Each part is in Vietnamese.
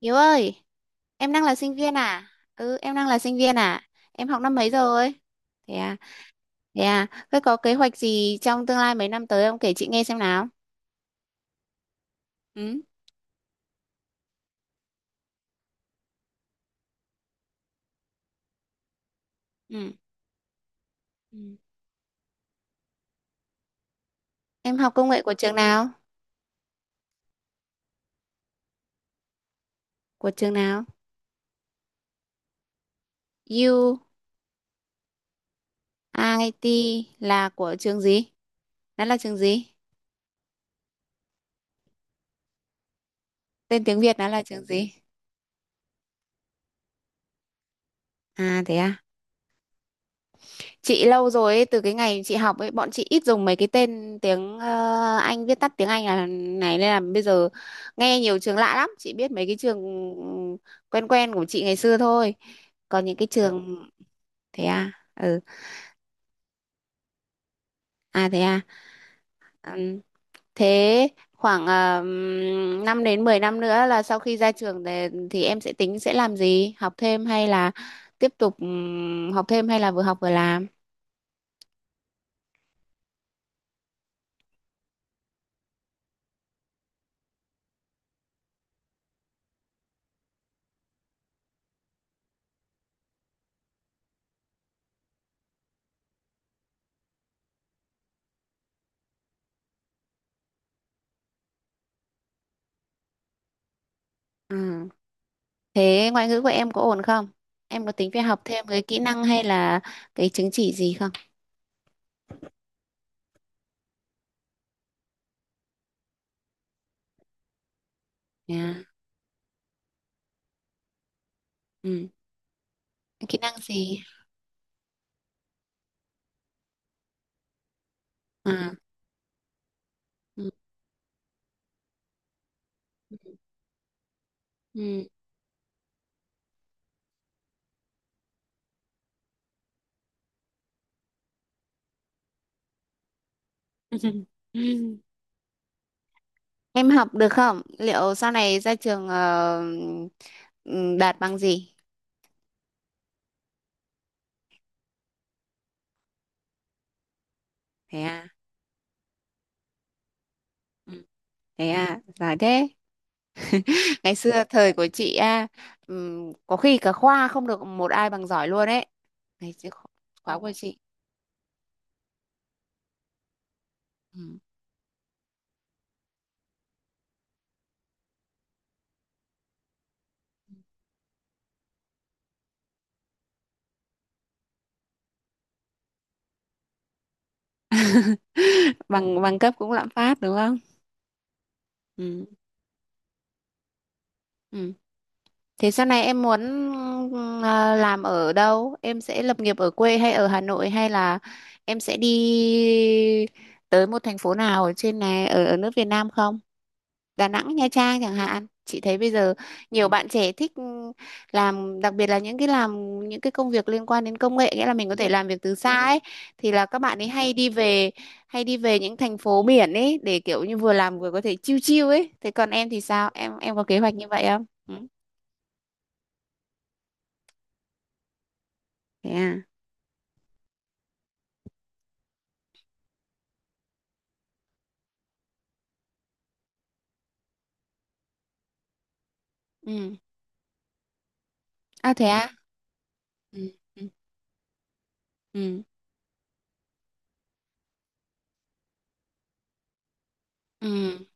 Hiếu ơi, em đang là sinh viên à? Ừ, em đang là sinh viên à? Em học năm mấy rồi? Thế à, thế à, thế có kế hoạch gì trong tương lai mấy năm tới không? Kể chị nghe xem nào. Ừ. Ừ. Ừ. Em học công nghệ của trường nào? Của trường nào? U, I, UIT là của trường gì? Nó là trường gì? Tên tiếng Việt nó là trường gì? À thế à? Chị lâu rồi ấy, từ cái ngày chị học ấy bọn chị ít dùng mấy cái tên tiếng Anh, viết tắt tiếng Anh là này, nên là bây giờ nghe nhiều trường lạ lắm, chị biết mấy cái trường quen quen của chị ngày xưa thôi, còn những cái, Dạ, trường, thế à. Ừ. À thế à. Ừm, thế khoảng 5 đến 10 năm nữa là sau khi ra trường thì em sẽ tính sẽ làm gì, học thêm hay là tiếp tục học thêm hay là vừa học vừa làm? Ừ. Thế ngoại ngữ của em có ổn không? Em có tính phải học thêm cái kỹ năng hay là cái chứng chỉ gì không? À. Ừ. Kỹ năng gì? À. Ừ. Ừ. Em học được không? Liệu sau này ra trường ừ, đạt bằng gì? Thế à? Ừ. Thế à? Giỏi thế. Ngày xưa thời của chị à, ừ, có khi cả khoa không được một ai bằng giỏi luôn ấy. Ngày xưa kho- Khóa của chị. Ừ. bằng bằng cấp cũng lạm phát đúng không? Ừ. Ừ. Thế sau này em muốn ờ, làm ở đâu? Em sẽ lập nghiệp ở quê hay ở Hà Nội hay là em sẽ đi tới một thành phố nào ở trên này, ở ở nước Việt Nam không? Đà Nẵng, Nha Trang chẳng hạn. Chị thấy bây giờ nhiều bạn trẻ thích làm, đặc biệt là những cái làm những cái công việc liên quan đến công nghệ, nghĩa là mình có thể làm việc từ xa ấy, thì là các bạn ấy hay đi về những thành phố biển ấy để kiểu như vừa làm vừa có thể chill chill ấy. Thế còn em thì sao? Em có kế hoạch như vậy không? Ừ. Thế à? Ừ. À thế. Ừ. À. Ừ. Ừ. Ừ.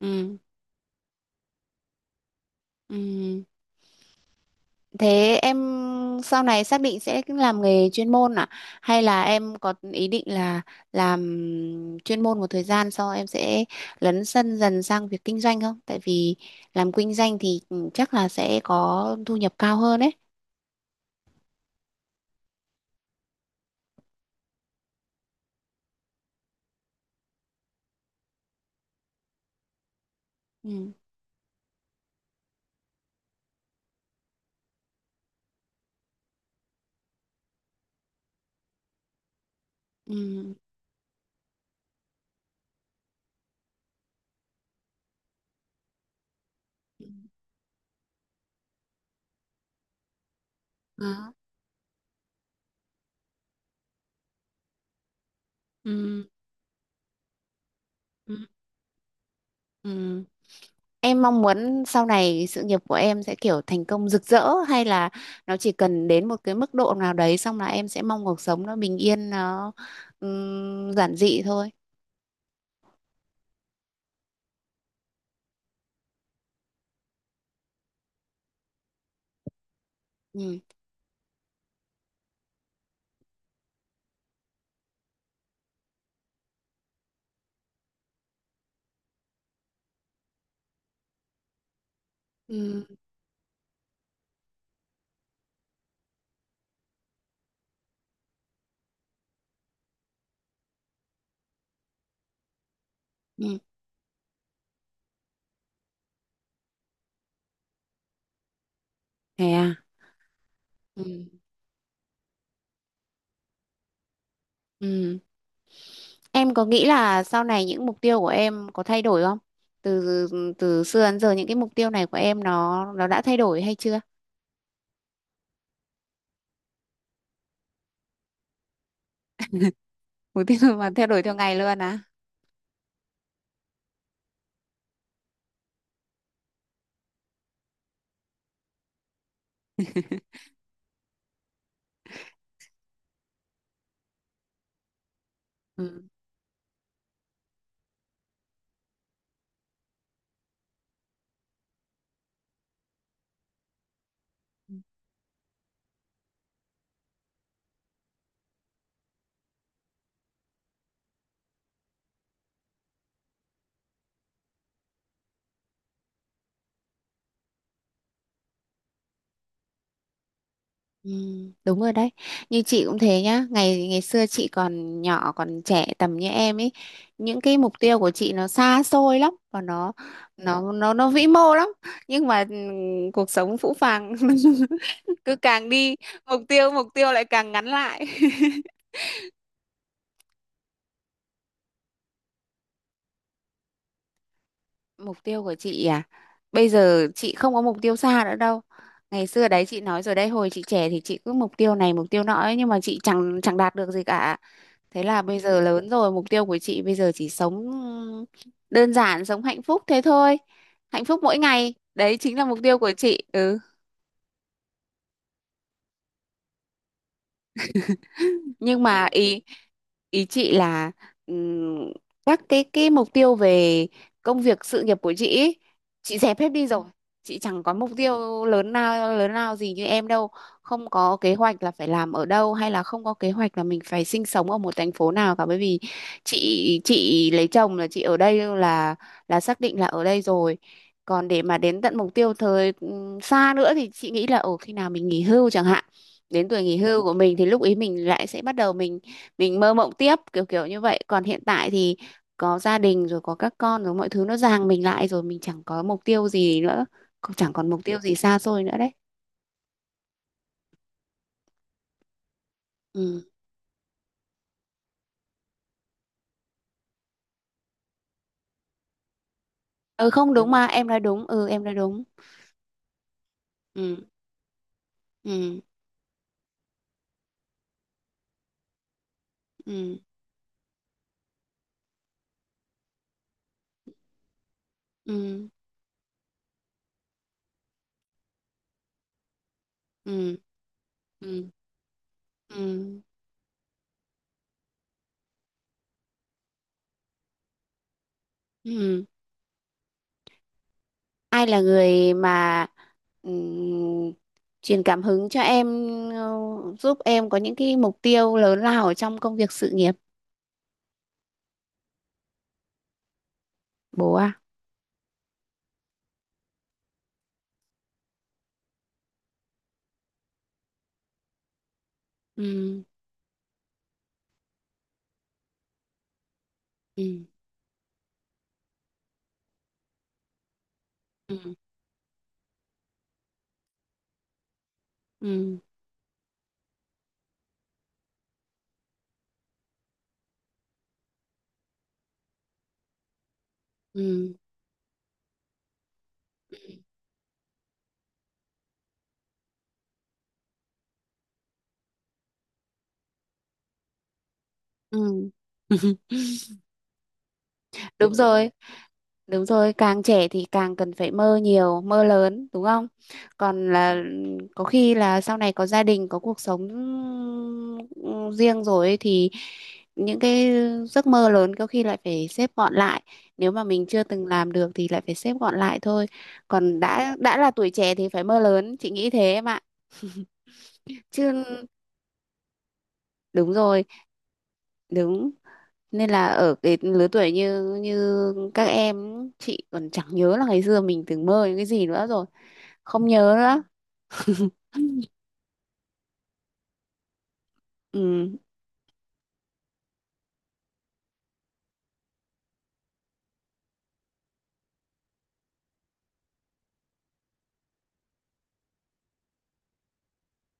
Ừ. Ừ. Ừ. Thế em sau này xác định sẽ làm nghề chuyên môn à, hay là em có ý định là làm chuyên môn một thời gian sau em sẽ lấn sân dần sang việc kinh doanh không? Tại vì làm kinh doanh thì chắc là sẽ có thu nhập cao hơn đấy. Ừ. Ừ. Ừ. Đó. Ừ. Ừ. Ừ. Em mong muốn sau này sự nghiệp của em sẽ kiểu thành công rực rỡ, hay là nó chỉ cần đến một cái mức độ nào đấy xong là em sẽ mong cuộc sống nó bình yên, nó giản dị thôi. Ừ. Ừ. Ừ. Thế à? Ừ. Ừ. Em có nghĩ là sau này những mục tiêu của em có thay đổi không? Từ từ xưa đến giờ những cái mục tiêu này của em, nó đã thay đổi hay chưa? Mục tiêu mà thay đổi theo ngày luôn à? Ừ. Ừ, đúng rồi đấy, như chị cũng thế nhá. Ngày ngày xưa chị còn nhỏ còn trẻ tầm như em ấy, những cái mục tiêu của chị nó xa xôi lắm, và nó vĩ mô lắm, nhưng mà ừ, cuộc sống phũ phàng. Cứ càng đi, mục tiêu lại càng ngắn lại. Mục tiêu của chị à? Bây giờ chị không có mục tiêu xa nữa đâu. Ngày xưa đấy chị nói rồi đấy, hồi chị trẻ thì chị cứ mục tiêu này mục tiêu nọ ấy, nhưng mà chị chẳng chẳng đạt được gì cả. Thế là bây giờ lớn rồi, mục tiêu của chị bây giờ chỉ sống đơn giản, sống hạnh phúc thế thôi. Hạnh phúc mỗi ngày, đấy chính là mục tiêu của chị. Ừ. Nhưng mà ý ý chị là ừm, các cái mục tiêu về công việc sự nghiệp của chị ý, chị dẹp hết đi rồi, chị chẳng có mục tiêu lớn nào gì như em đâu, không có kế hoạch là phải làm ở đâu hay là không có kế hoạch là mình phải sinh sống ở một thành phố nào cả, bởi vì chị lấy chồng là chị ở đây, là xác định là ở đây rồi. Còn để mà đến tận mục tiêu thời xa nữa thì chị nghĩ là ở khi nào mình nghỉ hưu chẳng hạn, đến tuổi nghỉ hưu của mình thì lúc ý mình lại sẽ bắt đầu mình mơ mộng tiếp kiểu kiểu như vậy. Còn hiện tại thì có gia đình rồi, có các con rồi, mọi thứ nó ràng mình lại rồi, mình chẳng có mục tiêu gì nữa, cũng chẳng còn mục tiêu gì xa xôi nữa đấy. Ừ. Ừ, không đúng, mà em nói đúng. Ừ, em nói đúng. Ừ. Ừ. Ừ. Ừ. Ừ. Ừ. Ừ. Ừ. Ai là người mà ừm, truyền cảm hứng cho em, ờ, giúp em có những cái mục tiêu lớn lao ở trong công việc sự nghiệp? Bố à? Ừ. Ừ. Ừ. Ừ. Ừ. Ừ. Đúng rồi, đúng rồi, càng trẻ thì càng cần phải mơ nhiều mơ lớn đúng không? Còn là có khi là sau này có gia đình, có cuộc sống ừ, riêng rồi ấy, thì những cái giấc mơ lớn có khi lại phải xếp gọn lại, nếu mà mình chưa từng làm được thì lại phải xếp gọn lại thôi. Còn đã là tuổi trẻ thì phải mơ lớn, chị nghĩ thế em ạ. Chứ đúng rồi, đúng, nên là ở cái lứa tuổi như như các em, chị còn chẳng nhớ là ngày xưa mình từng mơ những cái gì nữa rồi, không nhớ nữa. Ừ,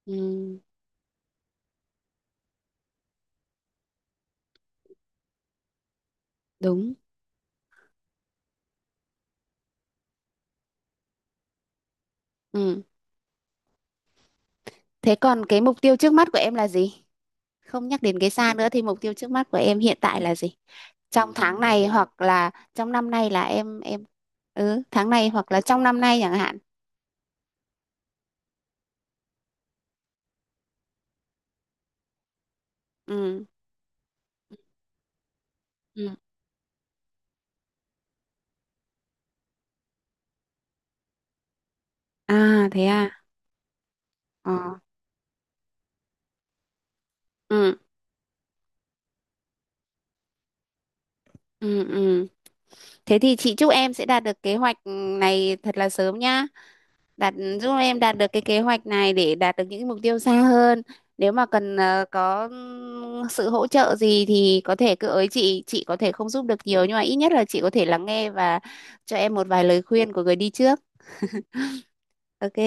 ừ, đúng, ừ. Thế còn cái mục tiêu trước mắt của em là gì? Không nhắc đến cái xa nữa thì mục tiêu trước mắt của em hiện tại là gì? Trong tháng này hoặc là trong năm nay là em. Ừ, tháng này hoặc là trong năm nay chẳng hạn. Ừ. Ừ. À thế à. Ờ. Ừ. Ừ. Ừ. Thế thì chị chúc em sẽ đạt được kế hoạch này thật là sớm nhá, đạt, giúp em đạt được cái kế hoạch này để đạt được những mục tiêu xa hơn. Nếu mà cần có sự hỗ trợ gì thì có thể cứ ới chị có thể không giúp được nhiều nhưng mà ít nhất là chị có thể lắng nghe và cho em một vài lời khuyên của người đi trước. OK.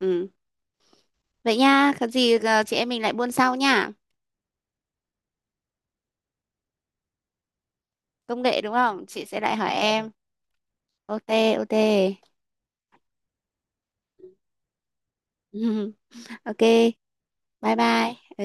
Ừ. Vậy nha, có gì chị em mình lại buôn sau nha. Công nghệ đúng không, chị sẽ lại hỏi em. OK. OK. OK. Bye bye. Ừ.